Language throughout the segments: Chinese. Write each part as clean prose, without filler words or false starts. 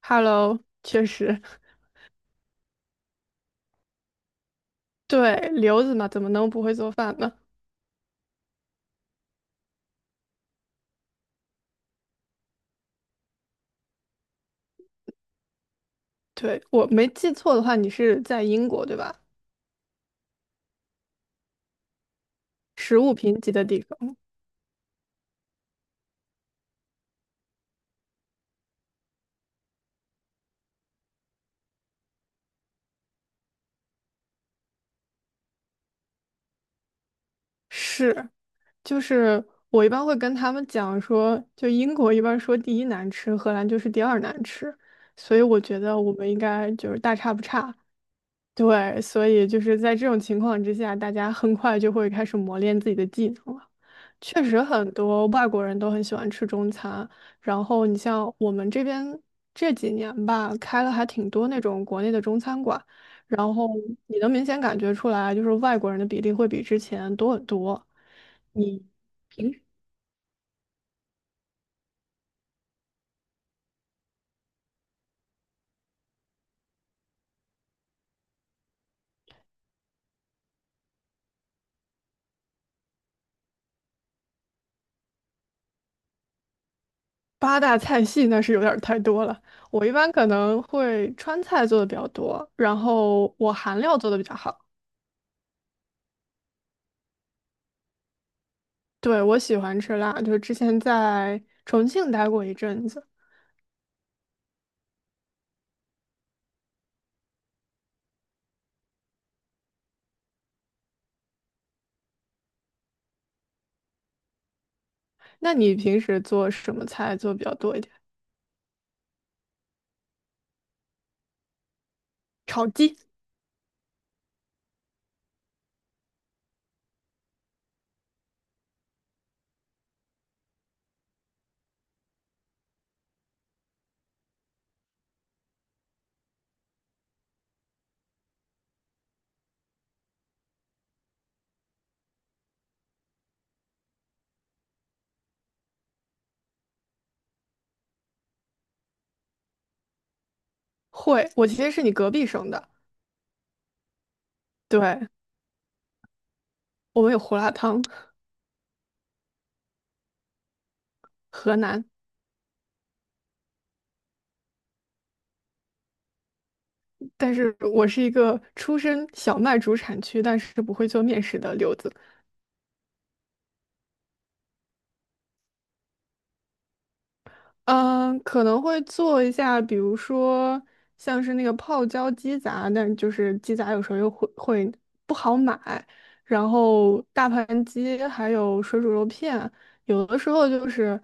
Hello，确实，对，留子嘛，怎么能不会做饭呢？对，我没记错的话，你是在英国，对吧？食物贫瘠的地方，是。就是我一般会跟他们讲说，就英国一般说第一难吃，荷兰就是第二难吃，所以我觉得我们应该就是大差不差。对，所以就是在这种情况之下，大家很快就会开始磨练自己的技能了。确实，很多外国人都很喜欢吃中餐，然后你像我们这边这几年吧，开了还挺多那种国内的中餐馆，然后你能明显感觉出来，就是外国人的比例会比之前多很多。八大菜系那是有点儿太多了。我一般可能会川菜做的比较多，然后我韩料做的比较好。对，我喜欢吃辣，就是之前在重庆待过一阵子。那你平时做什么菜做得比较多一点？炒鸡会，我其实是你隔壁省的，对，我们有胡辣汤，河南，但是我是一个出身小麦主产区，但是不会做面食的留子。嗯，可能会做一下，比如说像是那个泡椒鸡杂，但就是鸡杂有时候又会不好买，然后大盘鸡还有水煮肉片，有的时候就是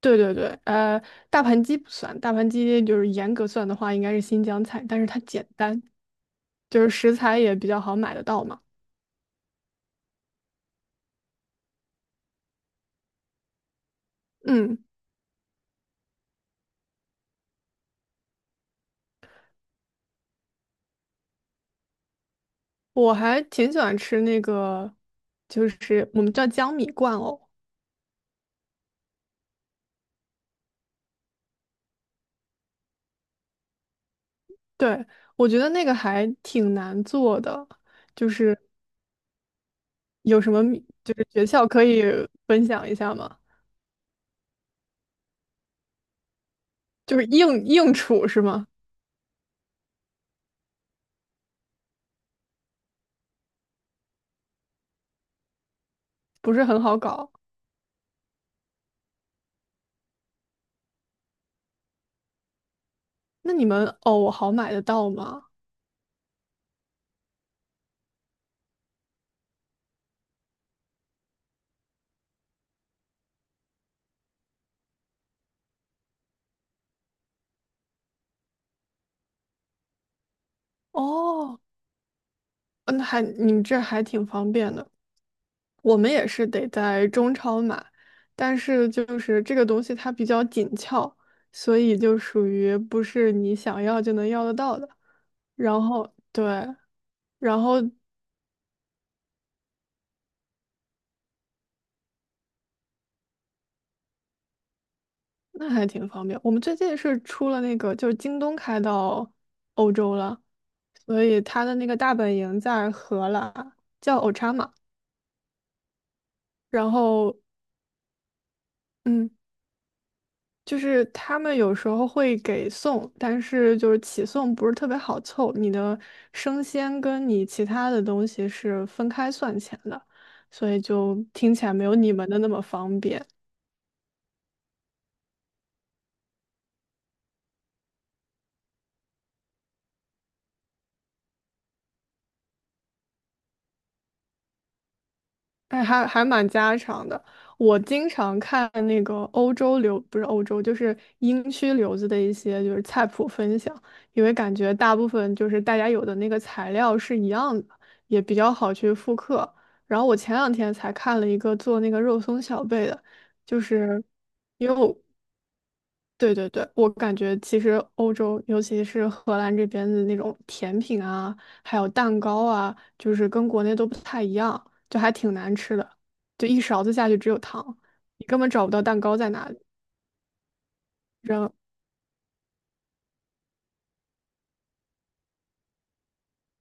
对对对，大盘鸡不算，大盘鸡就是严格算的话应该是新疆菜，但是它简单，就是食材也比较好买得到嘛。嗯，我还挺喜欢吃那个，就是我们叫江米罐藕。对，我觉得那个还挺难做的，就是有什么秘就是诀窍可以分享一下吗？就是硬处是吗？不是很好搞。那你们哦，好买得到吗？哦，那还你们这还挺方便的。我们也是得在中超买，但是就是这个东西它比较紧俏，所以就属于不是你想要就能要得到的。然后对。然后那还挺方便。我们最近是出了那个，就是京东开到欧洲了，所以它的那个大本营在荷兰，叫 Ochama。然后，嗯，就是他们有时候会给送，但是就是起送不是特别好凑，你的生鲜跟你其他的东西是分开算钱的，所以就听起来没有你们的那么方便。哎，还还蛮家常的。我经常看那个欧洲流，不是欧洲，就是英区留子的一些就是菜谱分享，因为感觉大部分就是大家有的那个材料是一样的，也比较好去复刻。然后我前两天才看了一个做那个肉松小贝的，就是因为我对对对，我感觉其实欧洲，尤其是荷兰这边的那种甜品啊，还有蛋糕啊，就是跟国内都不太一样，就还挺难吃的，就一勺子下去只有糖，你根本找不到蛋糕在哪里。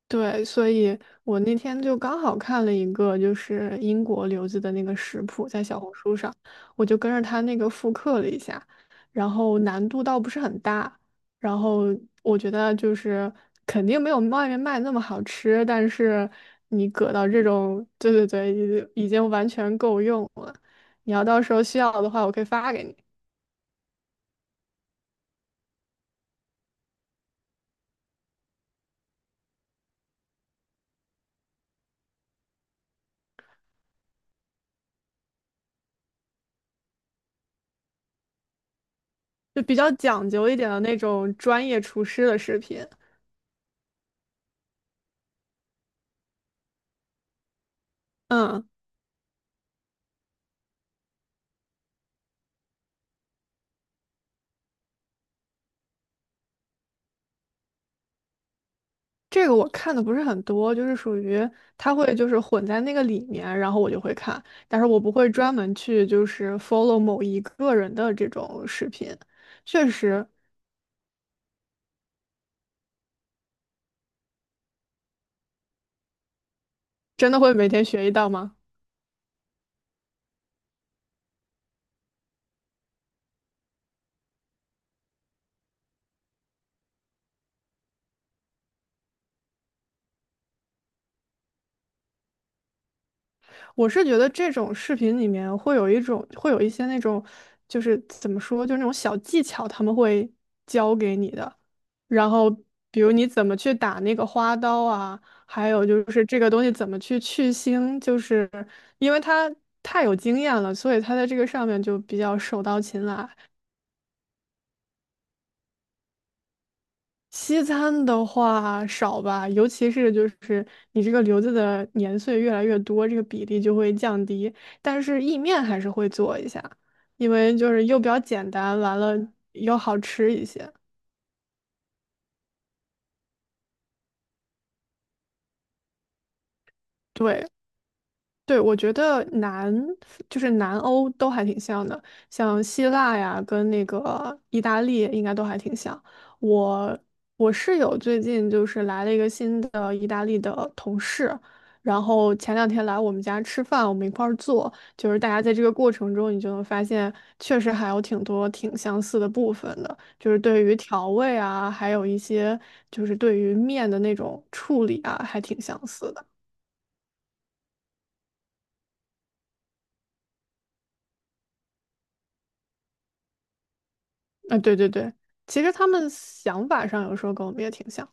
对，所以我那天就刚好看了一个，就是英国留子的那个食谱，在小红书上，我就跟着他那个复刻了一下，然后难度倒不是很大，然后我觉得就是肯定没有外面卖那么好吃，但是你搁到这种，对对对，已经完全够用了。你要到时候需要的话，我可以发给你，就比较讲究一点的那种专业厨师的视频。嗯。这个我看的不是很多，就是属于它会就是混在那个里面，然后我就会看，但是我不会专门去就是 follow 某一个人的这种视频。确实，真的会每天学一道吗？我是觉得这种视频里面会有一种，会有一些那种，就是怎么说，就是那种小技巧，他们会教给你的。然后，比如你怎么去打那个花刀啊，还有就是这个东西怎么去腥，就是因为他太有经验了，所以他在这个上面就比较手到擒来。西餐的话少吧，尤其是就是你这个留子的年岁越来越多，这个比例就会降低。但是意面还是会做一下，因为就是又比较简单，完了又好吃一些。对。对，我觉得南就是南欧都还挺像的，像希腊呀，跟那个意大利应该都还挺像。我我室友最近就是来了一个新的意大利的同事，然后前两天来我们家吃饭，我们一块儿做，就是大家在这个过程中，你就能发现确实还有挺多挺相似的部分的，就是对于调味啊，还有一些就是对于面的那种处理啊，还挺相似的。啊，对对对，其实他们想法上有时候跟我们也挺像。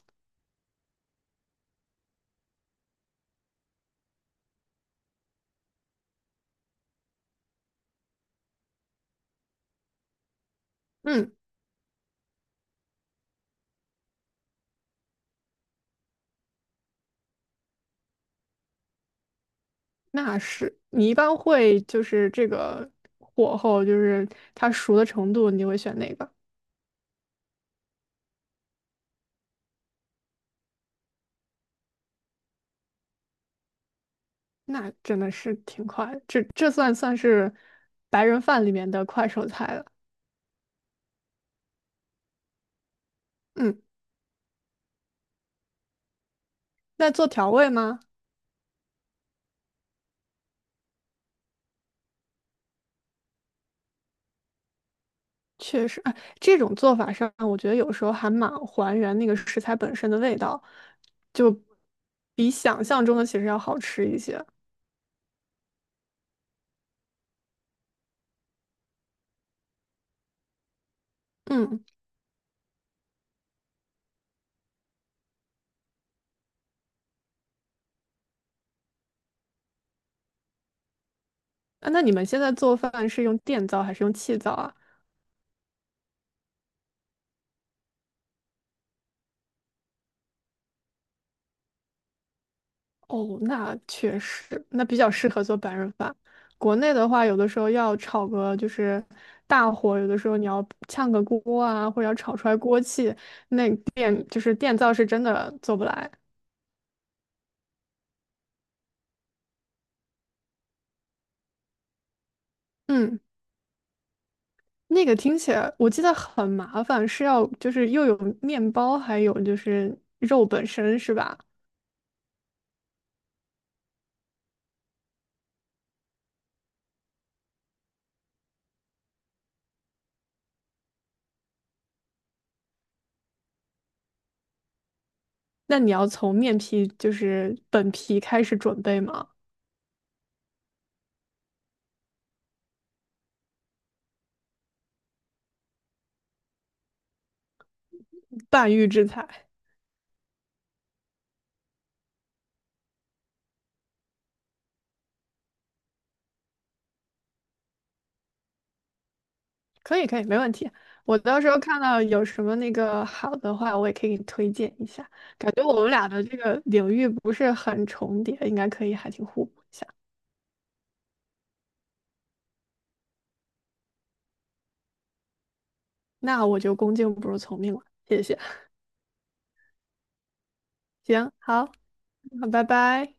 嗯，那是你一般会就是这个火候，就是它熟的程度，你会选哪个？那真的是挺快的这算是白人饭里面的快手菜了。嗯，那做调味吗？确实，啊，这种做法上，我觉得有时候还蛮还原那个食材本身的味道，就比想象中的其实要好吃一些。嗯。啊，那你们现在做饭是用电灶还是用气灶啊？哦，那确实，那比较适合做白人饭。国内的话，有的时候要炒个就是大火，有的时候你要炝个锅啊，或者要炒出来锅气，那电灶是真的做不来。嗯，那个听起来我记得很麻烦，是要就是又有面包，还有就是肉本身是吧？那你要从面皮就是本皮开始准备吗？半预制菜。可以可以，没问题。我到时候看到有什么那个好的话，我也可以给你推荐一下。感觉我们俩的这个领域不是很重叠，应该可以还挺互补一下。那我就恭敬不如从命了，谢谢。行，好，那拜拜。